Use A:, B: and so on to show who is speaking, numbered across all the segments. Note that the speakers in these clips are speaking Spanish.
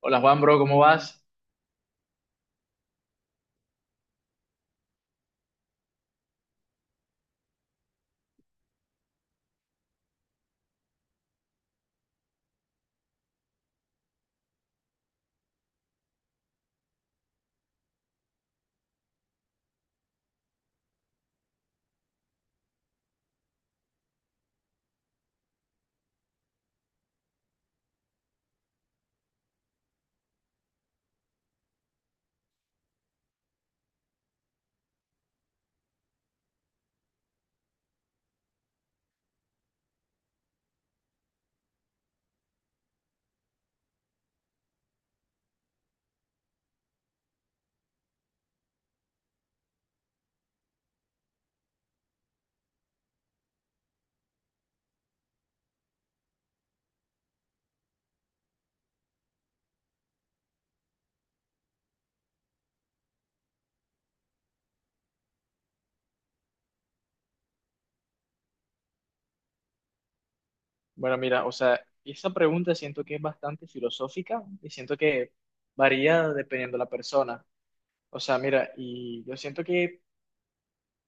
A: Hola Juan, bro, ¿cómo vas? Bueno, mira, o sea, esa pregunta siento que es bastante filosófica y siento que varía dependiendo de la persona. O sea, mira, y yo siento que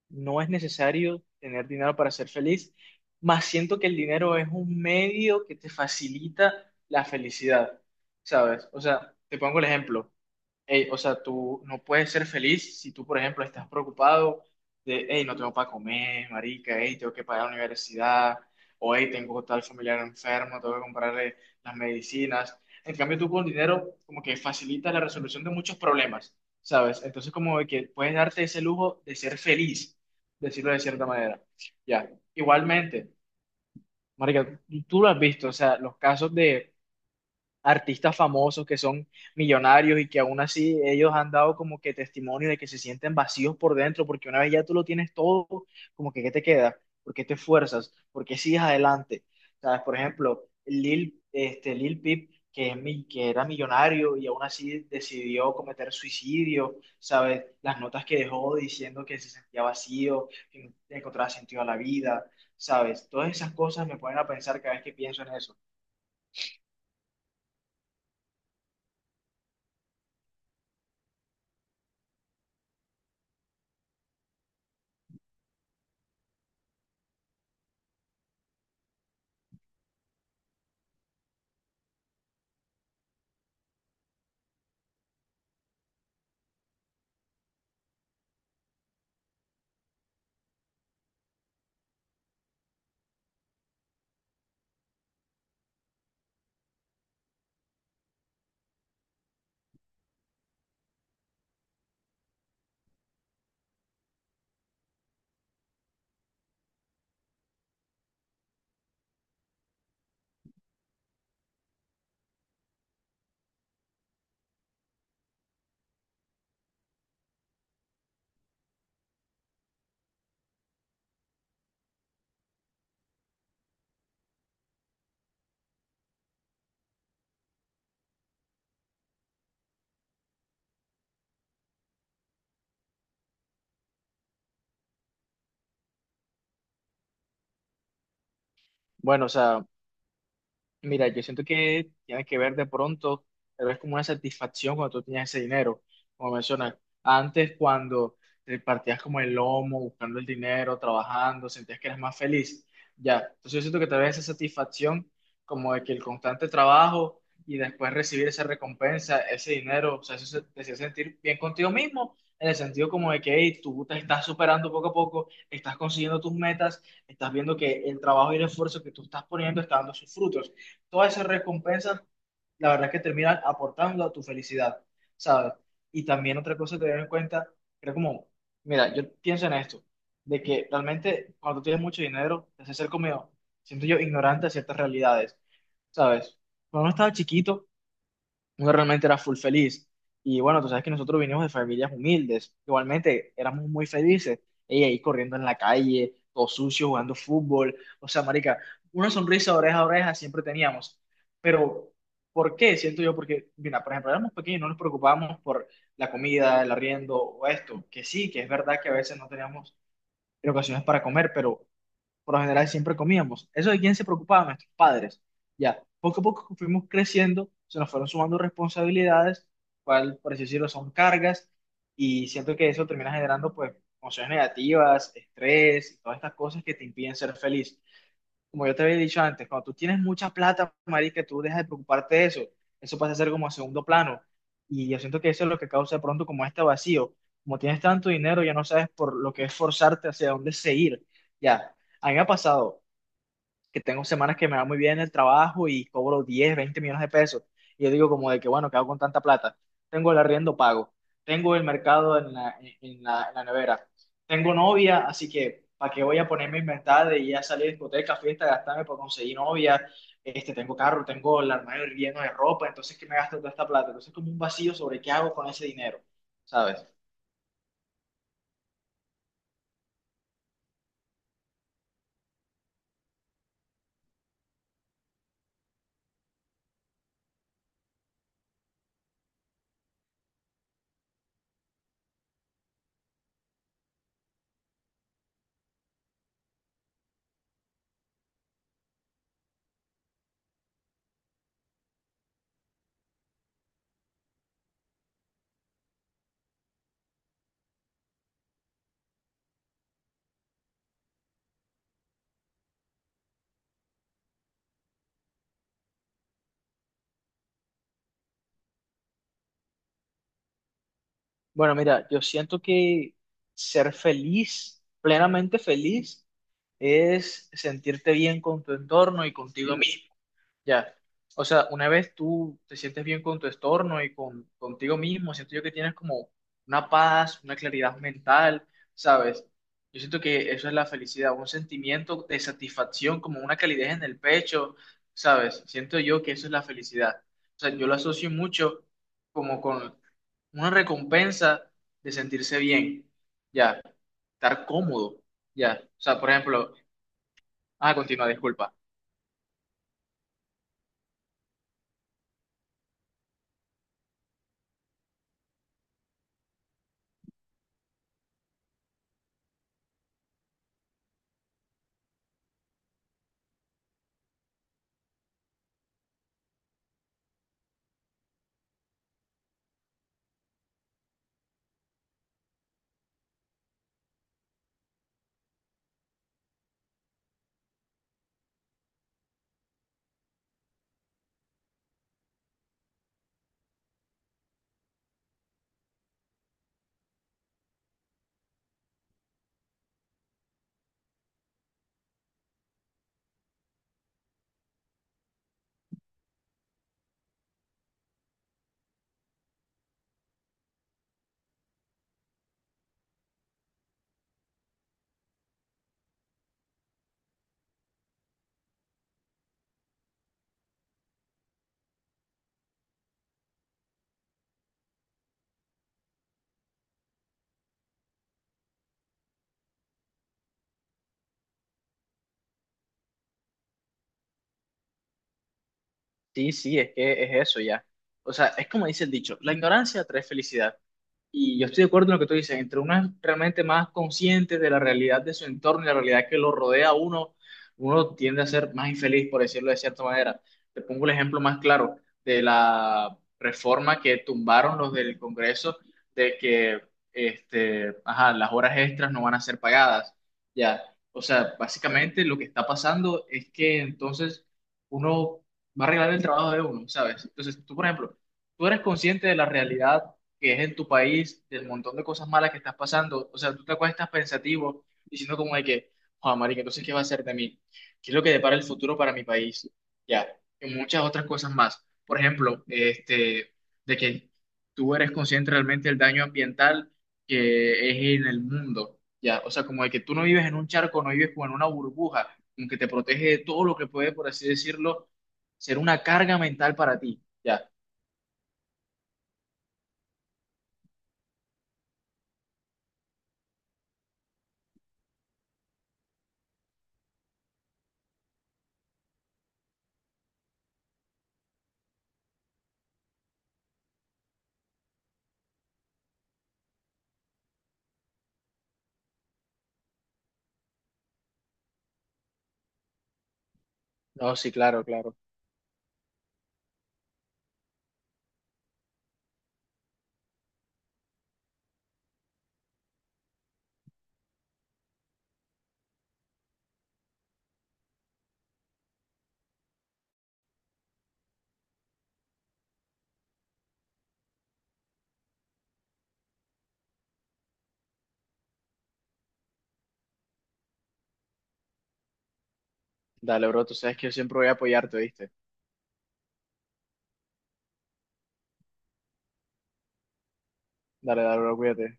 A: no es necesario tener dinero para ser feliz, más siento que el dinero es un medio que te facilita la felicidad, ¿sabes? O sea, te pongo el ejemplo. Ey, o sea, tú no puedes ser feliz si tú, por ejemplo, estás preocupado de, hey, no tengo para comer, marica, hey, tengo que pagar la universidad, o hey, tengo tal familiar enfermo, tengo que comprarle las medicinas. En cambio, tú con dinero como que facilitas la resolución de muchos problemas, ¿sabes? Entonces, como de que puedes darte ese lujo de ser feliz, decirlo de cierta manera. Ya, igualmente, marica, tú lo has visto, o sea, los casos de artistas famosos que son millonarios y que aún así ellos han dado como que testimonio de que se sienten vacíos por dentro, porque una vez ya tú lo tienes todo, como que ¿qué te queda? ¿Por qué te esfuerzas? ¿Por qué sigues adelante? ¿Sabes? Por ejemplo, Lil Peep, que era millonario y aún así decidió cometer suicidio, ¿sabes? Las notas que dejó diciendo que se sentía vacío, que no encontraba sentido a la vida, ¿sabes? Todas esas cosas me ponen a pensar cada vez que pienso en eso. Bueno, o sea, mira, yo siento que tiene que ver de pronto, pero es como una satisfacción cuando tú tenías ese dinero, como mencionas. Antes, cuando te partías como el lomo, buscando el dinero, trabajando, sentías que eras más feliz. Ya, entonces yo siento que te vez esa satisfacción como de que el constante trabajo y después recibir esa recompensa, ese dinero, o sea, te hacía sentir bien contigo mismo, en el sentido como de que hey, tú te estás superando poco a poco, estás consiguiendo tus metas, estás viendo que el trabajo y el esfuerzo que tú estás poniendo está dando sus frutos, todas esas recompensas, la verdad que terminan aportando a tu felicidad, ¿sabes? Y también otra cosa a tener en cuenta, creo como, mira, yo pienso en esto, de que realmente cuando tienes mucho dinero, te hace ser como, siento yo, ignorante de ciertas realidades, ¿sabes? Cuando uno estaba chiquito, uno realmente era full feliz. Y bueno, tú sabes que nosotros vinimos de familias humildes, igualmente éramos muy felices, ella ahí corriendo en la calle, todo sucio, jugando fútbol, o sea, marica, una sonrisa de oreja a oreja siempre teníamos, pero ¿por qué? Siento yo, porque, mira, por ejemplo, éramos pequeños, no nos preocupábamos por la comida, el arriendo o esto, que sí, que es verdad que a veces no teníamos en ocasiones para comer, pero por lo general siempre comíamos. Eso de quién se preocupaba, nuestros padres. Ya, poco a poco fuimos creciendo, se nos fueron sumando responsabilidades, cual, por así decirlo, son cargas, y siento que eso termina generando, pues, emociones negativas, estrés, y todas estas cosas que te impiden ser feliz. Como yo te había dicho antes, cuando tú tienes mucha plata, marica, tú dejas de preocuparte de eso. Eso pasa a ser como a segundo plano. Y yo siento que eso es lo que causa de pronto como este vacío. Como tienes tanto dinero, ya no sabes por lo que esforzarte hacia dónde seguir. Ya, a mí me ha pasado que tengo semanas que me va muy bien en el trabajo y cobro 10 20 millones de pesos. Y yo digo como de que, bueno, ¿qué hago con tanta plata? Tengo el arriendo pago, tengo el mercado en la nevera, tengo novia, así que ¿para qué voy a ponerme a inventar de ir a salir a discoteca, fiesta, gastarme por conseguir novia? Este, tengo carro, tengo el armario lleno de ropa, entonces ¿qué me gasto toda esta plata? Entonces como un vacío sobre qué hago con ese dinero, ¿sabes? Bueno, mira, yo siento que ser feliz, plenamente feliz, es sentirte bien con tu entorno y contigo mismo. Ya. O sea, una vez tú te sientes bien con tu estorno y contigo mismo, siento yo que tienes como una paz, una claridad mental, ¿sabes? Yo siento que eso es la felicidad, un sentimiento de satisfacción, como una calidez en el pecho, ¿sabes? Siento yo que eso es la felicidad. O sea, yo lo asocio mucho como con una recompensa de sentirse bien, ya, estar cómodo, ya. O sea, por ejemplo, ah, continúa, disculpa. Sí, sí, es que es eso ya. O sea, es como dice el dicho, la ignorancia trae felicidad. Y yo estoy de acuerdo en lo que tú dices, entre uno es realmente más consciente de la realidad de su entorno y la realidad que lo rodea a uno, uno tiende a ser más infeliz, por decirlo de cierta manera. Te pongo el ejemplo más claro de la reforma que tumbaron los del Congreso de que ajá, las horas extras no van a ser pagadas. Ya, o sea, básicamente lo que está pasando es que entonces uno va a arreglar el trabajo de uno, ¿sabes? Entonces, tú, por ejemplo, tú eres consciente de la realidad que es en tu país, del montón de cosas malas que estás pasando. O sea, tú te acuestas pensativo, diciendo como de que, Juan marica, entonces, ¿qué va a hacer de mí? ¿Qué es lo que depara el futuro para mi país? Ya, y muchas otras cosas más. Por ejemplo, de que tú eres consciente realmente del daño ambiental que es en el mundo. Ya, o sea, como de que tú no vives en un charco, no vives como en una burbuja, aunque te protege de todo lo que puede, por así decirlo, ser una carga mental para ti. Ya. No, sí, claro, claro. Dale, bro, tú sabes que yo siempre voy a apoyarte, ¿viste? Dale, dale, bro, cuídate.